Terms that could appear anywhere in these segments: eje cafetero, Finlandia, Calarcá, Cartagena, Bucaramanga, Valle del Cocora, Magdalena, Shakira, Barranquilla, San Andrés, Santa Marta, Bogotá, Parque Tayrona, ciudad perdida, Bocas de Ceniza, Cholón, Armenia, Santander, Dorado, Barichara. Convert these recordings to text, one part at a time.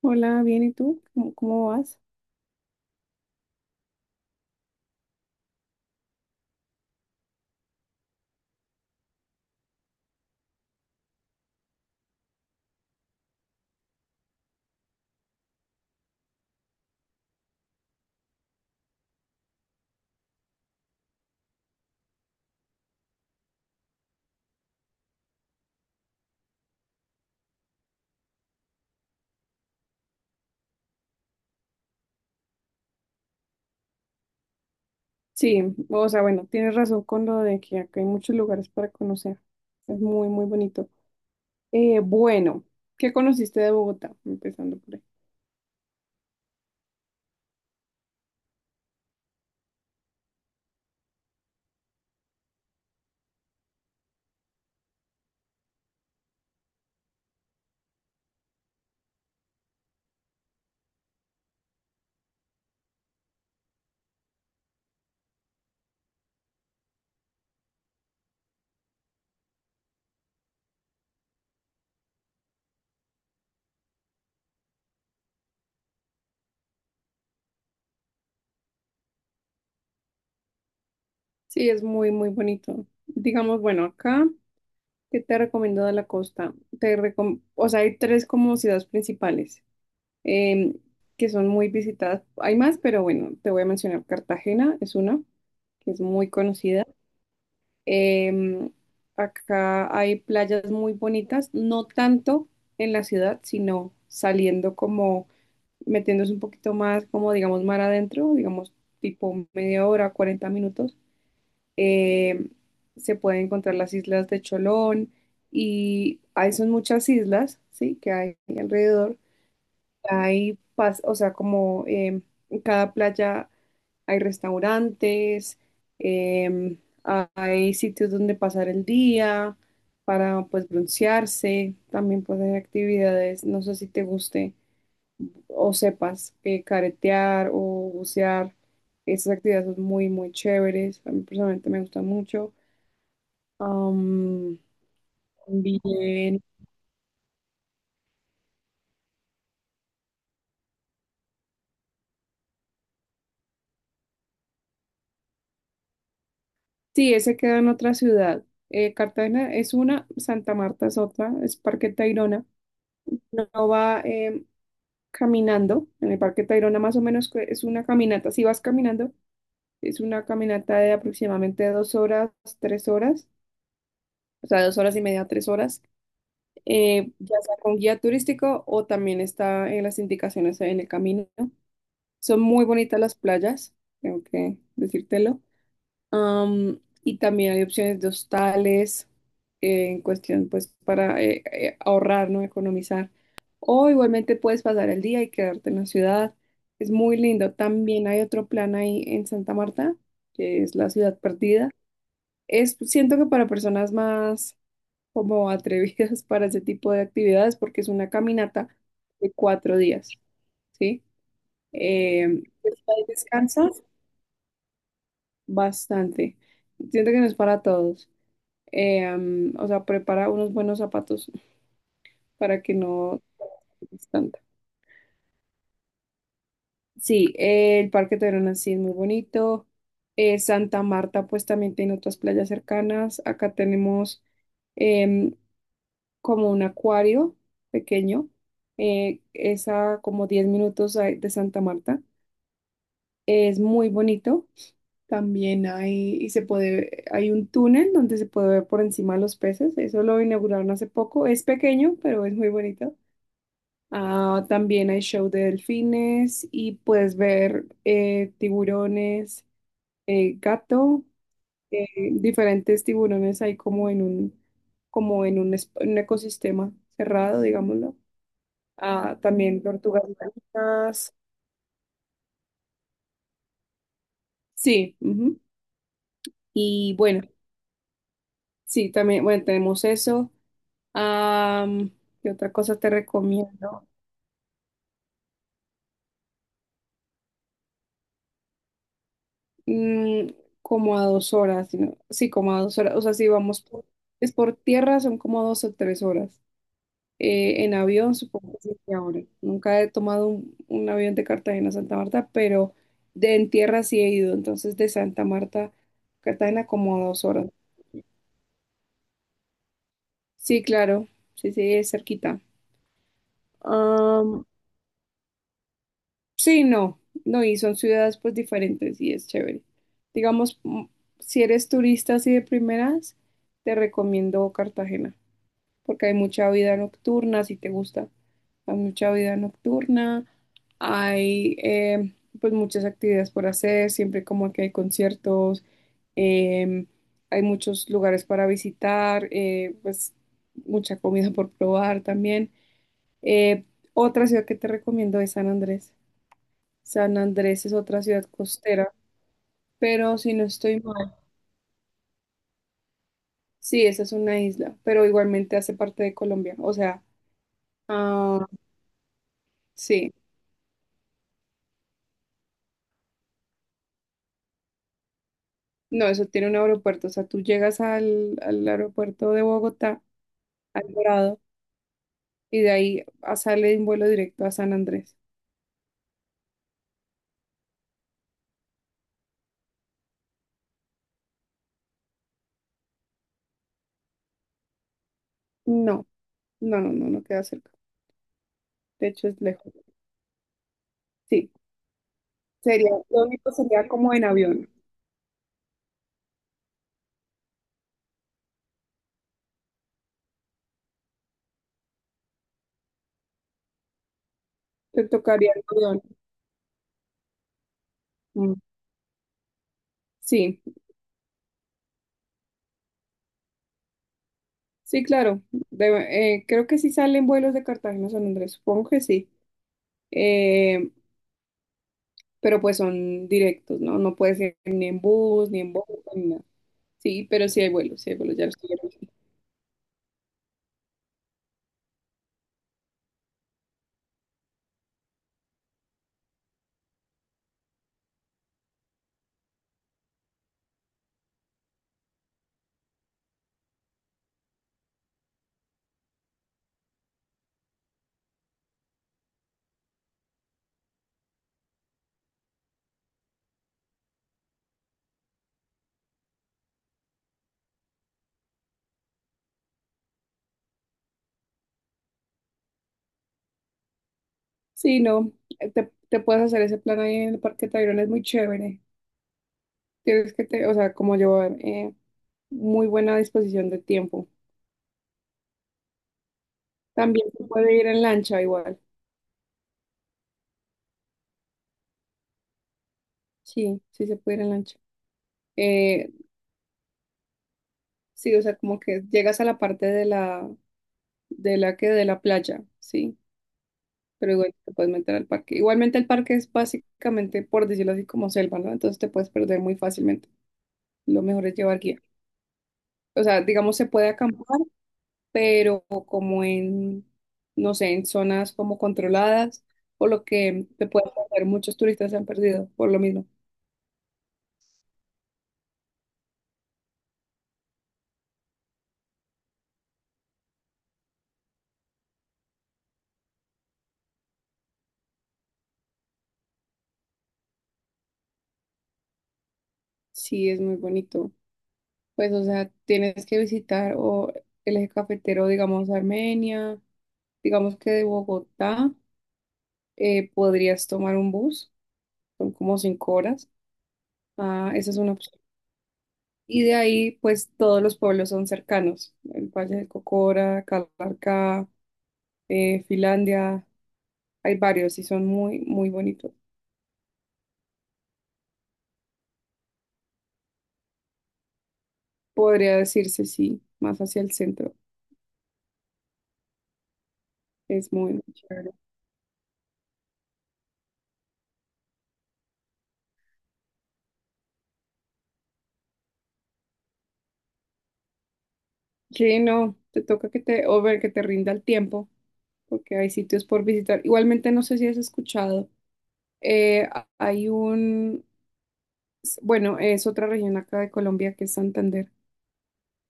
Hola, bien, ¿y tú? ¿Cómo vas? Sí, o sea, bueno, tienes razón con lo de que acá hay muchos lugares para conocer. Es muy, muy bonito. Bueno, ¿qué conociste de Bogotá? Empezando por ahí. Sí, es muy, muy bonito. Digamos, bueno, acá, ¿qué te recomiendo de la costa? O sea, hay tres como ciudades principales em, que son muy visitadas. Hay más, pero bueno, te voy a mencionar. Cartagena es una que es muy conocida. Em, Acá hay playas muy bonitas, no tanto en la ciudad, sino saliendo como metiéndose un poquito más, como digamos, mar adentro, digamos, tipo media hora, 40 minutos. Em, Se pueden encontrar las islas de Cholón y hay son muchas islas, ¿sí? que hay alrededor. O sea, como en cada playa hay restaurantes, em, hay sitios donde pasar el día para pues broncearse, también pues hay actividades, no sé si te guste o sepas caretear o bucear, esas actividades son muy muy chéveres, a mí personalmente me gustan mucho. Am, Bien, sí, ese queda en otra ciudad. Cartagena es una, Santa Marta es otra, es Parque Tayrona. No va, caminando en el Parque Tayrona, más o menos que es una caminata, si vas caminando, es una caminata de aproximadamente 2 horas, 3 horas, o sea, 2 horas y media, 3 horas, ya sea con guía turístico o también está en las indicaciones en el camino. Son muy bonitas las playas, tengo que decírtelo. Y también hay opciones de hostales en cuestión, pues, para ahorrar, ¿no? Economizar. O igualmente puedes pasar el día y quedarte en la ciudad. Es muy lindo. También hay otro plan ahí en Santa Marta, que es la ciudad perdida. Siento que para personas más como atrevidas para ese tipo de actividades, porque es una caminata de 4 días, ¿sí? Pues, ahí descansas bastante. Siento que no es para todos. O sea, prepara unos buenos zapatos para que no es tanta. Sí, el Parque Tayrona sí es muy bonito. Santa Marta, pues también tiene otras playas cercanas. Acá tenemos em, como un acuario pequeño. Es a como 10 minutos de Santa Marta. Es muy bonito. También hay, y se puede, hay un túnel donde se puede ver por encima los peces. Eso lo inauguraron hace poco. Es pequeño, pero es muy bonito. Ah, también hay show de delfines y puedes ver tiburones, gato, eh, diferentes tiburones ahí como en un, es- en un ecosistema cerrado, digámoslo. Ah, también tortugas marinas. Sí, ujú. Y bueno, sí, también, bueno, tenemos eso. Am, ¿Qué otra cosa te recomiendo? mm, Como a 2 horas, sí, como a 2 horas, o sea, si vamos por, es por tierra son como 2 o 3 horas. En avión supongo que 7 horas. Nunca he tomado un avión de Cartagena a Santa Marta, pero de en tierra sí he ido, entonces de Santa Marta a Cartagena como a 2 horas. Sí, claro, sí, sí, es cerquita. Am, sí, no, no, y son ciudades pues diferentes y es chévere. Digamos, si eres turista así de primeras, te recomiendo Cartagena, porque hay mucha vida nocturna, si te gusta, hay mucha vida nocturna, hay pues muchas actividades por hacer, siempre como que hay conciertos, em, hay muchos lugares para visitar, pues mucha comida por probar también. Eh, Otra ciudad que te recomiendo es San Andrés. San Andrés es otra ciudad costera, pero si no estoy mal, sí, esa es una isla, pero igualmente hace parte de Colombia, o sea, ah, sí. No, eso tiene un aeropuerto. O sea, tú llegas al aeropuerto de Bogotá, al Dorado, y de ahí sale un vuelo directo a San Andrés. No, no, no, no, no queda cerca. De hecho, es lejos. Sí, lo único sería como en avión. Te tocaría en avión. Mm, Sí, sí, claro. Creo que sí salen vuelos de Cartagena a San Andrés, supongo que sí. Eh, pero pues son directos, ¿no? No puedes ir ni en bus, ni en bote, ni nada. Sí, pero sí hay vuelos, ya los estoy viendo. Sí, no, te puedes hacer ese plan ahí en el Parque Tayrona, es muy chévere. O sea, como llevar muy buena disposición de tiempo. También se puede ir en lancha igual. Sí, sí se puede ir en lancha. Eh, sí, o sea, como que llegas a la parte de la playa, sí, pero igual te puedes meter al parque. Igualmente el parque es básicamente, por decirlo así, como selva, ¿no? Entonces te puedes perder muy fácilmente. Lo mejor es llevar guía. O sea, digamos, se puede acampar, pero como en, no sé, en zonas como controladas, por lo que te puede pasar, muchos turistas se han perdido por lo mismo. Sí, es muy bonito. Pues, o sea, tienes que visitar o el eje cafetero, digamos, Armenia, digamos que de Bogotá, podrías tomar un bus, son como 5 horas. Ah, esa es una opción. Y de ahí, pues, todos los pueblos son cercanos, el Valle del Cocora, Calarcá, Finlandia, hay varios y son muy, muy bonitos. Podría decirse sí, más hacia el centro. Es muy, muy chévere. Sí, no, te toca que te, o ver que te rinda el tiempo, porque hay sitios por visitar. Igualmente, no sé si has escuchado, eh, a- hay un, bueno, es otra región acá de Colombia que es Santander.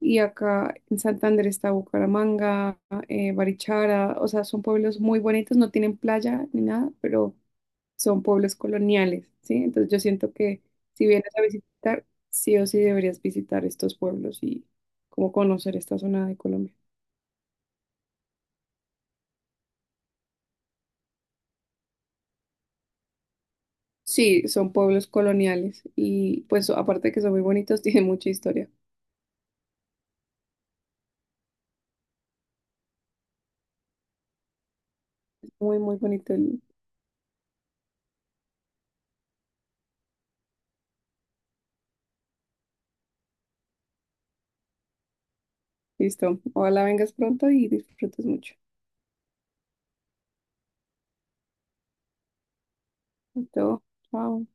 Y acá en Santander está Bucaramanga, Barichara, o sea, son pueblos muy bonitos, no tienen playa ni nada, pero son pueblos coloniales, ¿sí? Entonces yo siento que si vienes a visitar, sí o sí deberías visitar estos pueblos y como conocer esta zona de Colombia. Sí, son pueblos coloniales y pues aparte de que son muy bonitos, tienen mucha historia. Muy, muy bonito. Listo. Ojalá vengas pronto y disfrutes mucho. Todo. Chao.